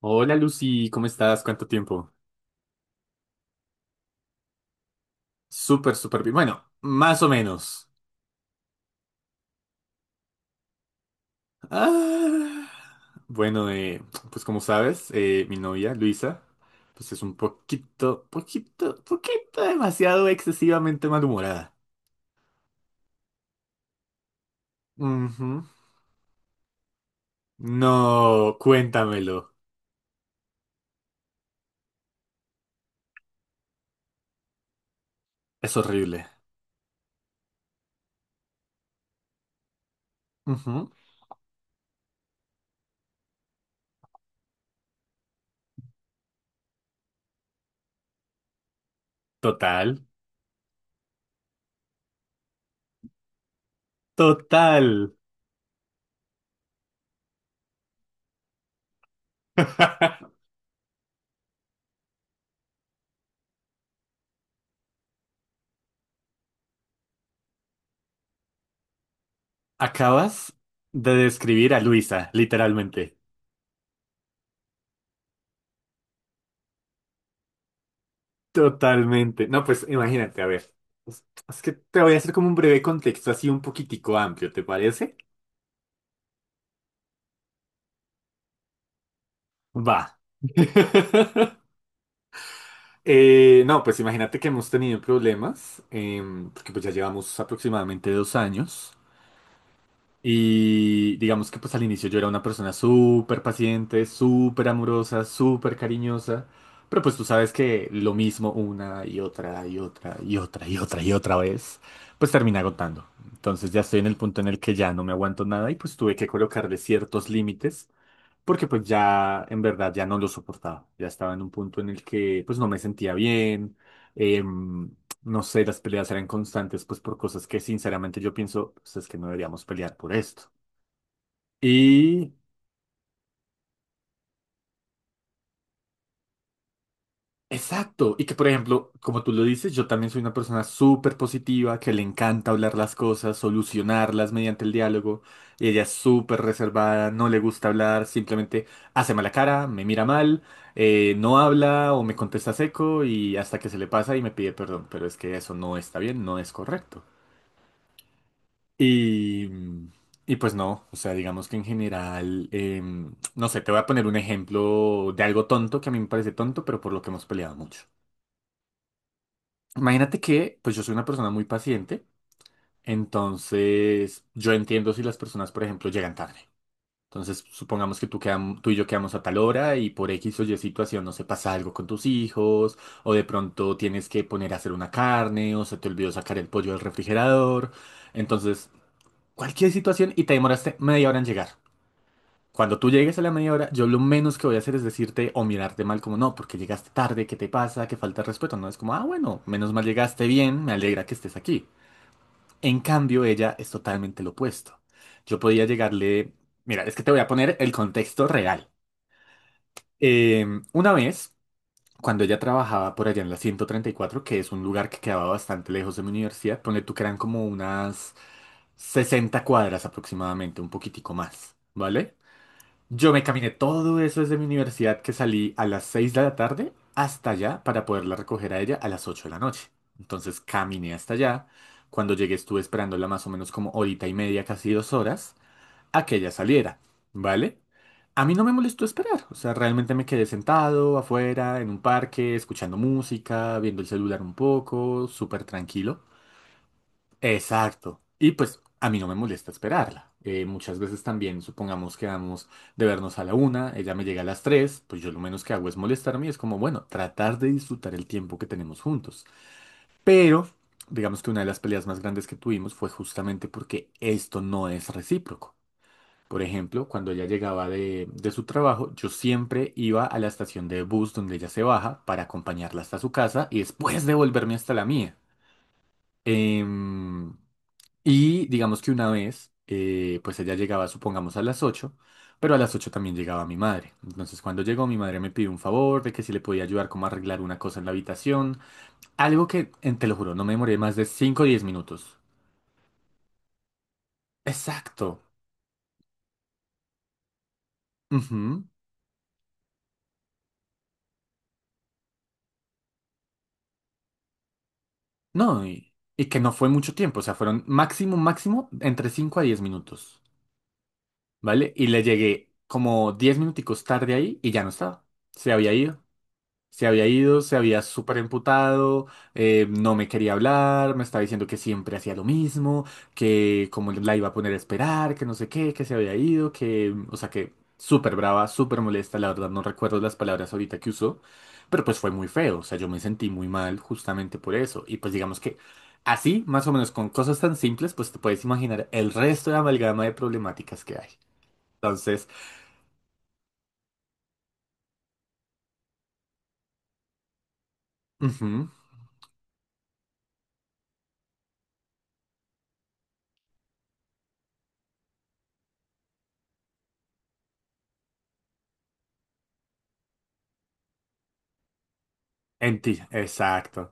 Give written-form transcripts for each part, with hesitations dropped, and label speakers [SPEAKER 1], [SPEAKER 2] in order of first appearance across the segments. [SPEAKER 1] Hola Lucy, ¿cómo estás? ¿Cuánto tiempo? Súper, súper bien. Bueno, más o menos. Ah, bueno, eh, pues como sabes, mi novia Luisa, pues es un poquito, poquito, poquito demasiado excesivamente malhumorada. Ujú. No, cuéntamelo. Es horrible. Ujú. Total, total. Acabas de describir a Luisa, literalmente. Totalmente. No, pues imagínate, a ver. Es que te voy a hacer como un breve contexto así un poquitico amplio, ¿te parece? Va. No, pues imagínate que hemos tenido problemas, porque pues ya llevamos aproximadamente 2 años. Y digamos que pues al inicio yo era una persona súper paciente, súper amorosa, súper cariñosa, pero pues tú sabes que lo mismo una y otra y otra y otra y otra y otra vez, pues termina agotando. Entonces ya estoy en el punto en el que ya no me aguanto nada y pues tuve que colocarle ciertos límites porque pues ya en verdad ya no lo soportaba, ya estaba en un punto en el que pues no me sentía bien, em, no sé, las peleas eran constantes pues por cosas que sinceramente yo pienso, pues es que no deberíamos pelear por esto. Y Exacto. Y que, por ejemplo, como tú lo dices, yo también soy una persona súper positiva, que le encanta hablar las cosas, solucionarlas mediante el diálogo. Y ella es súper reservada, no le gusta hablar, simplemente hace mala cara, me mira mal, no habla o me contesta seco y hasta que se le pasa y me pide perdón. Pero es que eso no está bien, no es correcto. Y, mm, y pues no, o sea, digamos que en general, no sé, te voy a poner un ejemplo de algo tonto que a mí me parece tonto, pero por lo que hemos peleado mucho. Imagínate que, pues yo soy una persona muy paciente, entonces yo entiendo si las personas, por ejemplo, llegan tarde. Entonces, supongamos que tú y yo quedamos a tal hora y por X o Y situación, no se pasa algo con tus hijos, o de pronto tienes que poner a hacer una carne, o se te olvidó sacar el pollo del refrigerador. Entonces, cualquier situación y te demoraste media hora en llegar. Cuando tú llegues a la media hora, yo lo menos que voy a hacer es decirte o mirarte mal como no, porque llegaste tarde, ¿qué te pasa? ¿Qué falta de respeto? No, es como, ah, bueno, menos mal llegaste bien, me alegra que estés aquí. En cambio, ella es totalmente lo opuesto. Yo podía llegarle, mira, es que te voy a poner el contexto real. Eh, una vez, cuando ella trabajaba por allá en la 134, que es un lugar que quedaba bastante lejos de mi universidad, ponle tú que eran como unas 60 cuadras aproximadamente, un poquitico más, ¿vale? Yo me caminé todo eso desde mi universidad que salí a las 6 de la tarde hasta allá para poderla recoger a ella a las 8 de la noche. Entonces caminé hasta allá. Cuando llegué estuve esperándola más o menos como horita y media, casi 2 horas, a que ella saliera, ¿vale? A mí no me molestó esperar, o sea, realmente me quedé sentado afuera, en un parque, escuchando música, viendo el celular un poco, súper tranquilo. Exacto. Y pues a mí no me molesta esperarla. Muchas veces también, supongamos que vamos de vernos a la una, ella me llega a las tres, pues yo lo menos que hago es molestarme y es como, bueno, tratar de disfrutar el tiempo que tenemos juntos. Pero, digamos que una de las peleas más grandes que tuvimos fue justamente porque esto no es recíproco. Por ejemplo, cuando ella llegaba de su trabajo, yo siempre iba a la estación de bus donde ella se baja para acompañarla hasta su casa y después devolverme hasta la mía. Em, y digamos que una vez, pues ella llegaba, supongamos, a las 8 pero a las 8 también llegaba mi madre. Entonces cuando llegó, mi madre me pidió un favor de que si le podía ayudar como a arreglar una cosa en la habitación. Algo que, te lo juro, no me demoré más de cinco o 10 minutos. Exacto. Ujú. No, y que no fue mucho tiempo, o sea, fueron máximo, máximo entre 5 a 10 minutos, ¿vale? Y le llegué como 10 minuticos tarde ahí y ya no estaba. Se había ido. Se había ido, se había súper emputado, no me quería hablar, me estaba diciendo que siempre hacía lo mismo, que como la iba a poner a esperar, que no sé qué, que se había ido, que, o sea, que súper brava, súper molesta, la verdad no recuerdo las palabras ahorita que usó, pero pues fue muy feo, o sea, yo me sentí muy mal justamente por eso, y pues digamos que así, más o menos con cosas tan simples, pues te puedes imaginar el resto de amalgama de problemáticas que hay. Entonces, ujú, en ti, exacto,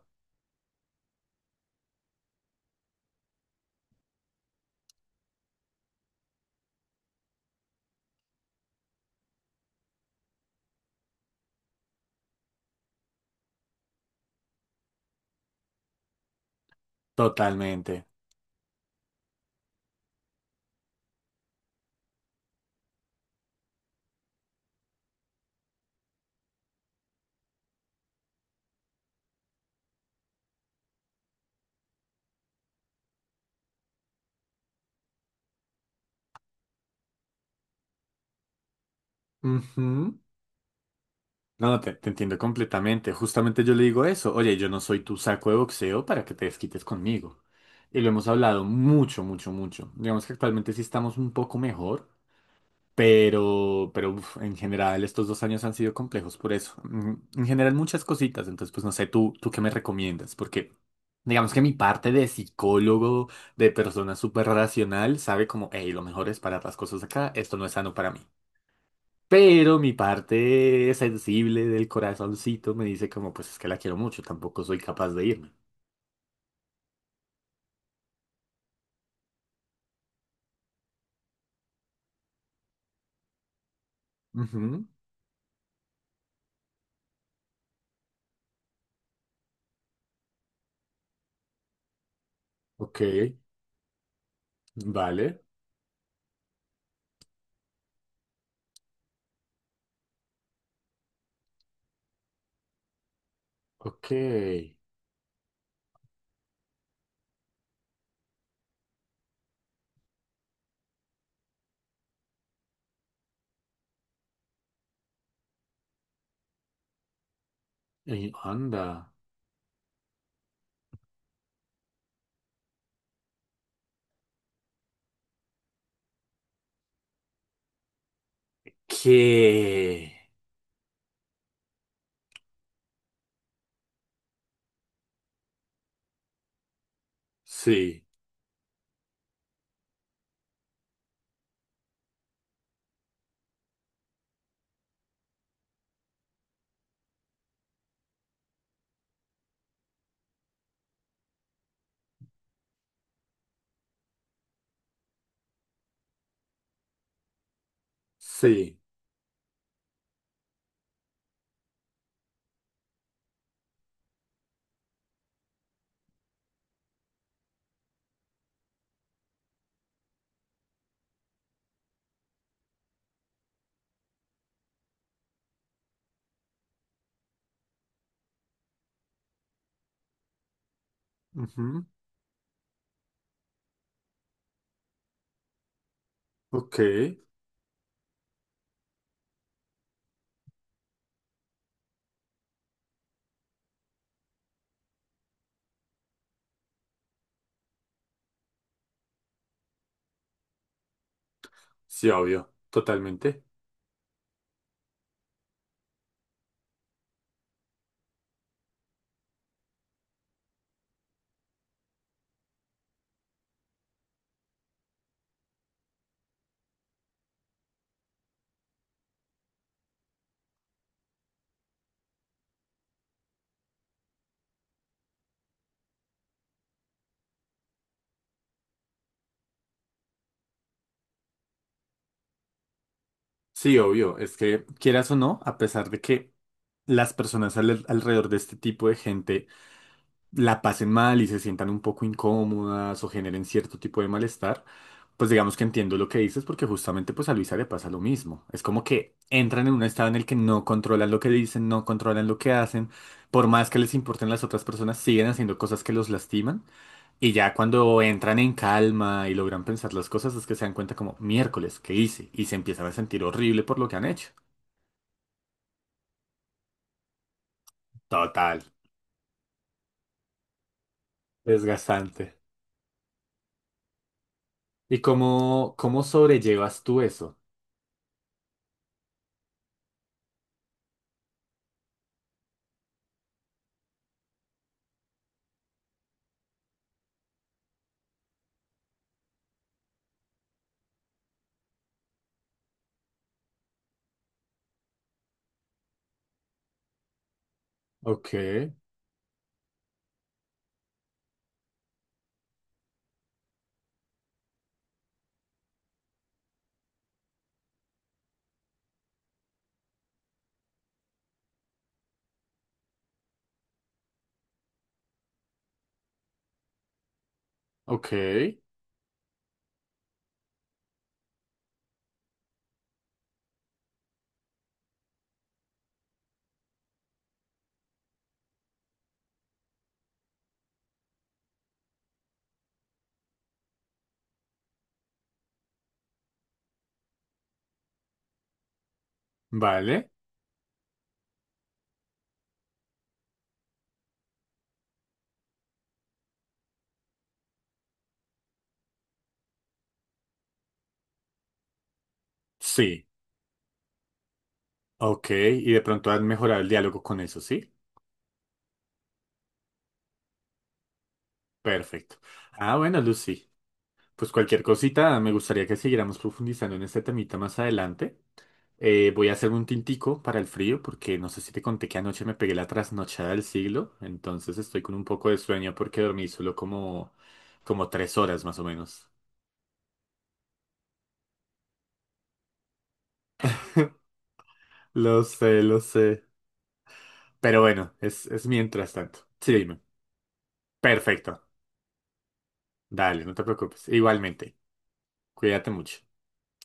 [SPEAKER 1] totalmente. Ujú. No, no, te entiendo completamente. Justamente yo le digo eso. Oye, yo no soy tu saco de boxeo para que te desquites conmigo. Y lo hemos hablado mucho, mucho, mucho. Digamos que actualmente sí estamos un poco mejor, pero uf, en general estos 2 años han sido complejos por eso. En general muchas cositas. Entonces, pues no sé, tú qué me recomiendas, porque digamos que mi parte de psicólogo, de persona súper racional, sabe como, hey, lo mejor es parar las cosas acá, esto no es sano para mí. Pero mi parte sensible del corazoncito me dice como, pues es que la quiero mucho, tampoco soy capaz de irme. Ujú, ok, vale, ok. Anda. ¿Qué? Sí, sí. Ujú, ok, sí, obvio, totalmente. Sí, obvio, es que quieras o no, a pesar de que las personas alrededor de este tipo de gente la pasen mal y se sientan un poco incómodas o generen cierto tipo de malestar, pues digamos que entiendo lo que dices porque justamente pues a Luisa le pasa lo mismo. Es como que entran en un estado en el que no controlan lo que dicen, no controlan lo que hacen, por más que les importen las otras personas, siguen haciendo cosas que los lastiman y ya cuando entran en calma y logran pensar las cosas es que se dan cuenta como miércoles, ¿qué hice? Y se empiezan a sentir horrible por lo que han hecho. Total, desgastante. ¿Y cómo sobrellevas tú eso? Ok. Ok, vale, sí, ok, y de pronto han mejorado el diálogo con eso, ¿sí? Perfecto. Ah, bueno, Lucy, pues cualquier cosita, me gustaría que siguiéramos profundizando en este temita más adelante. Voy a hacerme un tintico para el frío, porque no sé si te conté que anoche me pegué la trasnochada del siglo, entonces estoy con un poco de sueño porque dormí solo como, como 3 horas más o menos. Lo sé, lo sé. Pero bueno, es mientras tanto. Sí, dime. Perfecto. Dale, no te preocupes. Igualmente. Cuídate mucho.